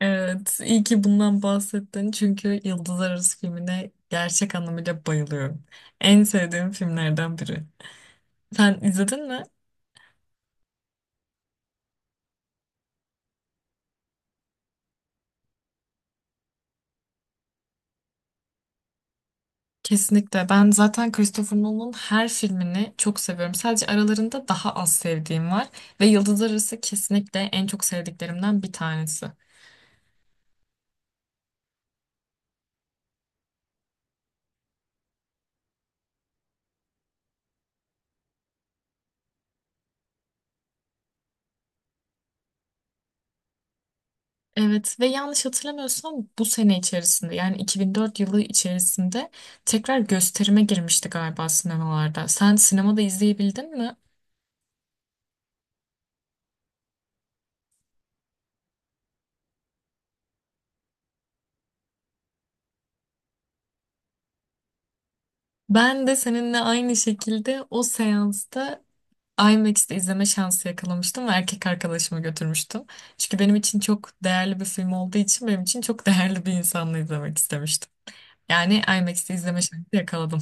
Evet, iyi ki bundan bahsettin çünkü Yıldızlar Arası filmine gerçek anlamıyla bayılıyorum. En sevdiğim filmlerden biri. Sen izledin mi? Kesinlikle. Ben zaten Christopher Nolan'ın her filmini çok seviyorum. Sadece aralarında daha az sevdiğim var ve Yıldızlar Arası kesinlikle en çok sevdiklerimden bir tanesi. Evet ve yanlış hatırlamıyorsam bu sene içerisinde yani 2004 yılı içerisinde tekrar gösterime girmişti galiba sinemalarda. Sen sinemada izleyebildin mi? Ben de seninle aynı şekilde o seansta IMAX'te izleme şansı yakalamıştım ve erkek arkadaşımı götürmüştüm. Çünkü benim için çok değerli bir film olduğu için benim için çok değerli bir insanla izlemek istemiştim. Yani IMAX'te izleme şansı yakaladım.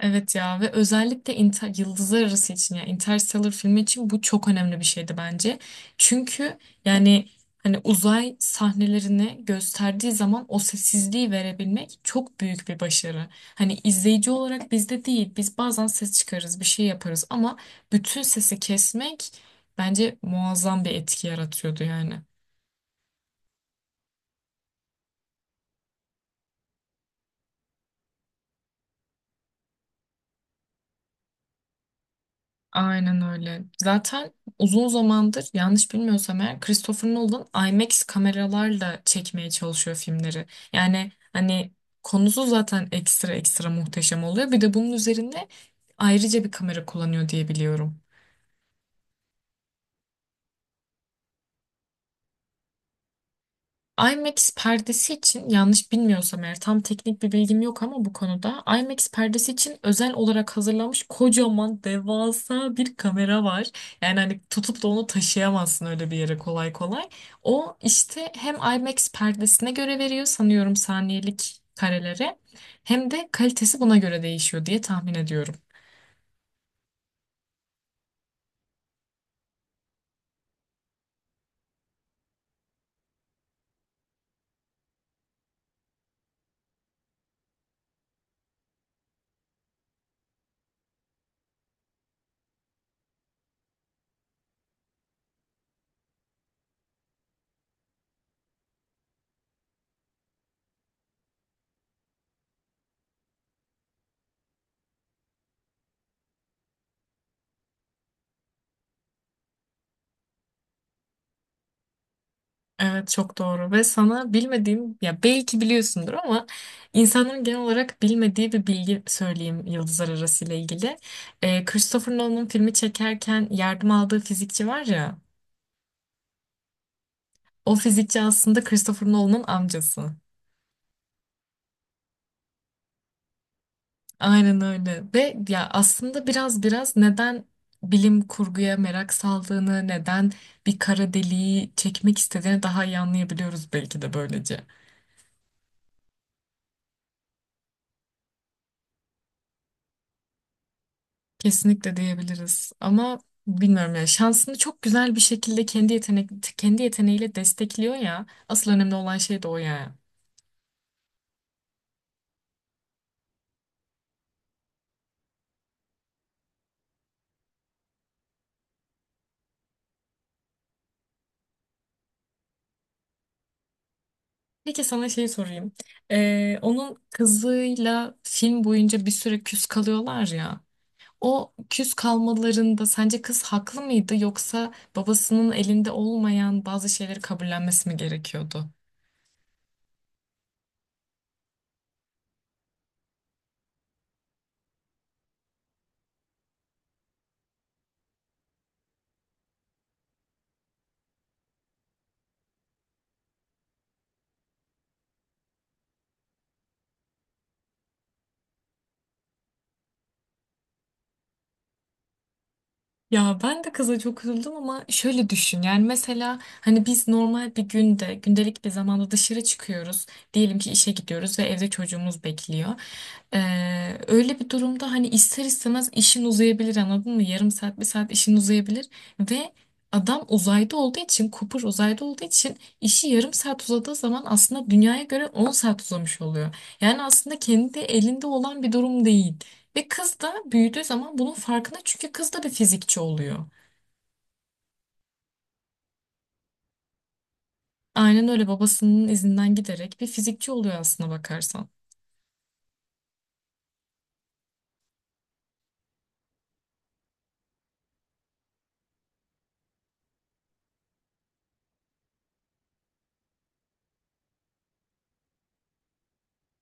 Evet ya, ve özellikle Yıldızlar Arası için, ya Interstellar filmi için, bu çok önemli bir şeydi bence. Çünkü yani hani uzay sahnelerini gösterdiği zaman o sessizliği verebilmek çok büyük bir başarı. Hani izleyici olarak bizde değil, biz bazen ses çıkarırız, bir şey yaparız, ama bütün sesi kesmek bence muazzam bir etki yaratıyordu yani. Aynen öyle. Zaten uzun zamandır, yanlış bilmiyorsam eğer, Christopher Nolan IMAX kameralarla çekmeye çalışıyor filmleri. Yani hani konusu zaten ekstra ekstra muhteşem oluyor. Bir de bunun üzerine ayrıca bir kamera kullanıyor diye biliyorum. IMAX perdesi için, yanlış bilmiyorsam eğer, tam teknik bir bilgim yok ama bu konuda, IMAX perdesi için özel olarak hazırlanmış kocaman devasa bir kamera var. Yani hani tutup da onu taşıyamazsın öyle bir yere kolay kolay. O işte hem IMAX perdesine göre veriyor sanıyorum saniyelik karelere, hem de kalitesi buna göre değişiyor diye tahmin ediyorum. Evet çok doğru. Ve sana bilmediğim, ya belki biliyorsundur ama, insanların genel olarak bilmediği bir bilgi söyleyeyim Yıldızlar Arası ile ilgili. Christopher Nolan'ın filmi çekerken yardım aldığı fizikçi var ya, o fizikçi aslında Christopher Nolan'ın amcası. Aynen öyle. Ve ya aslında biraz neden bilim kurguya merak saldığını, neden bir kara deliği çekmek istediğini daha iyi anlayabiliyoruz belki de böylece. Kesinlikle diyebiliriz ama, bilmiyorum ya, şansını çok güzel bir şekilde kendi yeteneğiyle destekliyor ya, asıl önemli olan şey de o ya. Peki sana şeyi sorayım. Onun kızıyla film boyunca bir süre küs kalıyorlar ya. O küs kalmalarında sence kız haklı mıydı, yoksa babasının elinde olmayan bazı şeyleri kabullenmesi mi gerekiyordu? Ya ben de kıza çok üzüldüm ama şöyle düşün, yani mesela hani biz normal bir günde, gündelik bir zamanda dışarı çıkıyoruz, diyelim ki işe gidiyoruz ve evde çocuğumuz bekliyor. Öyle bir durumda hani ister istemez işin uzayabilir, anladın mı? Yarım saat, bir saat işin uzayabilir ve adam uzayda olduğu için, Cooper uzayda olduğu için, işi 0,5 saat uzadığı zaman aslında dünyaya göre 10 saat uzamış oluyor. Yani aslında kendi elinde olan bir durum değil. Ve kız da büyüdüğü zaman bunun farkında, çünkü kız da bir fizikçi oluyor. Aynen öyle, babasının izinden giderek bir fizikçi oluyor aslına bakarsan.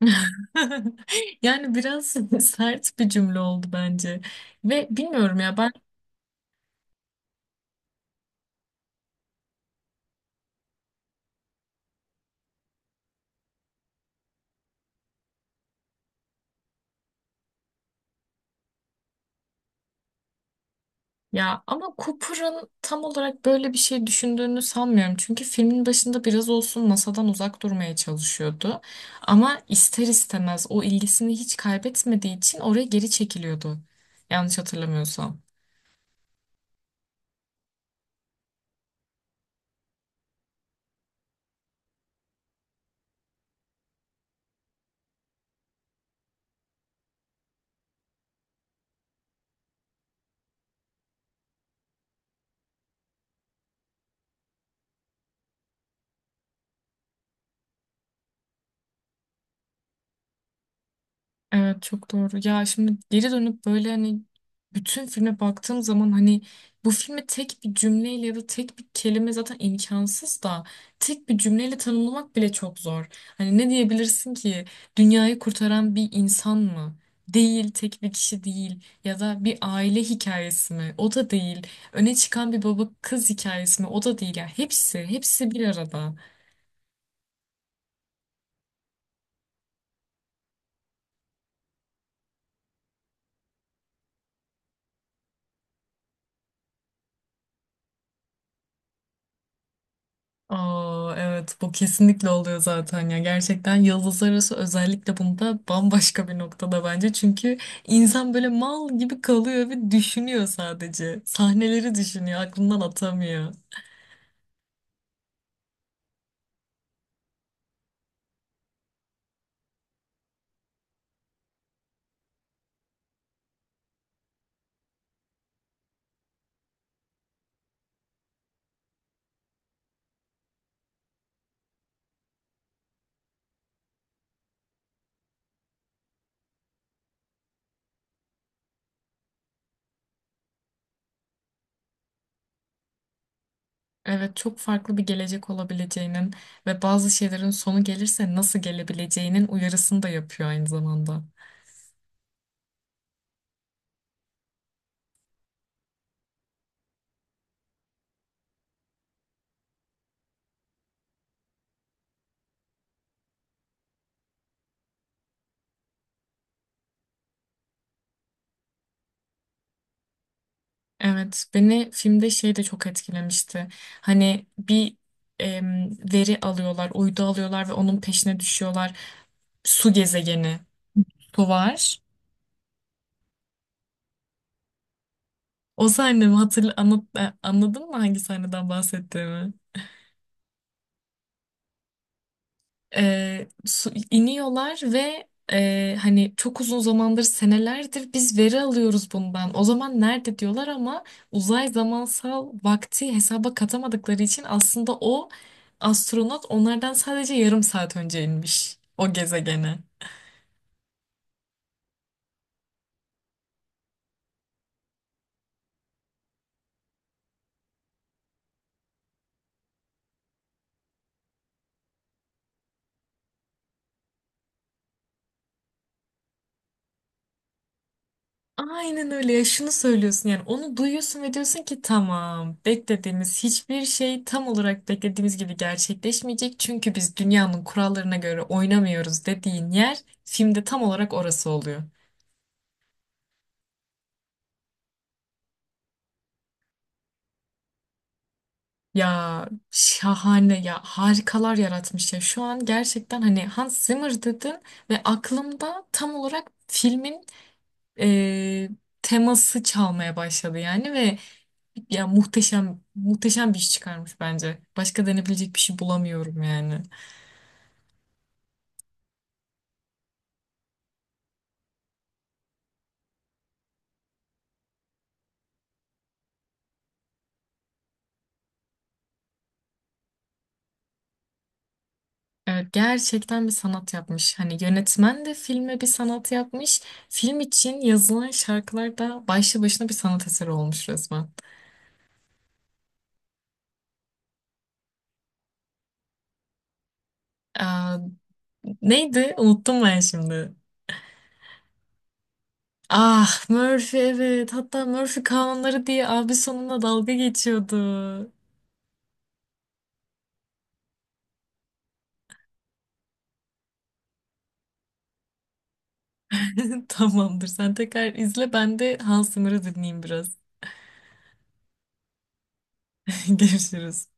Yani biraz sert bir cümle oldu bence. Ve bilmiyorum ya. Ya ama Cooper'ın tam olarak böyle bir şey düşündüğünü sanmıyorum. Çünkü filmin başında biraz olsun masadan uzak durmaya çalışıyordu. Ama ister istemez o ilgisini hiç kaybetmediği için oraya geri çekiliyordu. Yanlış hatırlamıyorsam. Evet çok doğru. Ya şimdi geri dönüp böyle, hani bütün filme baktığım zaman, hani bu filmi tek bir cümleyle ya da tek bir kelime, zaten imkansız da, tek bir cümleyle tanımlamak bile çok zor. Hani ne diyebilirsin ki? Dünyayı kurtaran bir insan mı? Değil, tek bir kişi değil. Ya da bir aile hikayesi mi? O da değil. Öne çıkan bir baba kız hikayesi mi? O da değil. Ya hepsi, hepsi bir arada. Aa, evet, bu kesinlikle oluyor zaten ya. Gerçekten Yıldızlar Arası özellikle bunda bambaşka bir noktada bence, çünkü insan böyle mal gibi kalıyor ve düşünüyor, sadece sahneleri düşünüyor, aklından atamıyor. Evet, çok farklı bir gelecek olabileceğinin ve bazı şeylerin sonu gelirse nasıl gelebileceğinin uyarısını da yapıyor aynı zamanda. Evet, beni filmde şey de çok etkilemişti. Hani bir veri alıyorlar, uydu alıyorlar ve onun peşine düşüyorlar. Su gezegeni, su var. O sahne mi? Hatırla, anlat, anladın mı hangi sahneden bahsettiğimi? İniyorlar ve hani çok uzun zamandır, senelerdir biz veri alıyoruz bundan, o zaman nerede diyorlar, ama uzay zamansal vakti hesaba katamadıkları için aslında o astronot onlardan sadece yarım saat önce inmiş o gezegene. Aynen öyle ya. Şunu söylüyorsun yani, onu duyuyorsun ve diyorsun ki, tamam, beklediğimiz hiçbir şey tam olarak beklediğimiz gibi gerçekleşmeyecek, çünkü biz dünyanın kurallarına göre oynamıyoruz, dediğin yer filmde tam olarak orası oluyor. Ya şahane ya, harikalar yaratmış ya. Şu an gerçekten, hani Hans Zimmer dedin ve aklımda tam olarak filmin eee, teması çalmaya başladı yani. Ve ya muhteşem, muhteşem bir iş çıkarmış bence. Başka denebilecek bir şey bulamıyorum yani. Evet, gerçekten bir sanat yapmış. Hani yönetmen de filme bir sanat yapmış. Film için yazılan şarkılar da başlı başına bir sanat eseri olmuş resmen. Aa, neydi? Unuttum ben şimdi. Ah, Murphy, evet. Hatta Murphy kanunları diye abi sonuna dalga geçiyordu. Tamamdır. Sen tekrar izle. Ben de Hans Zimmer'ı dinleyeyim biraz. Görüşürüz.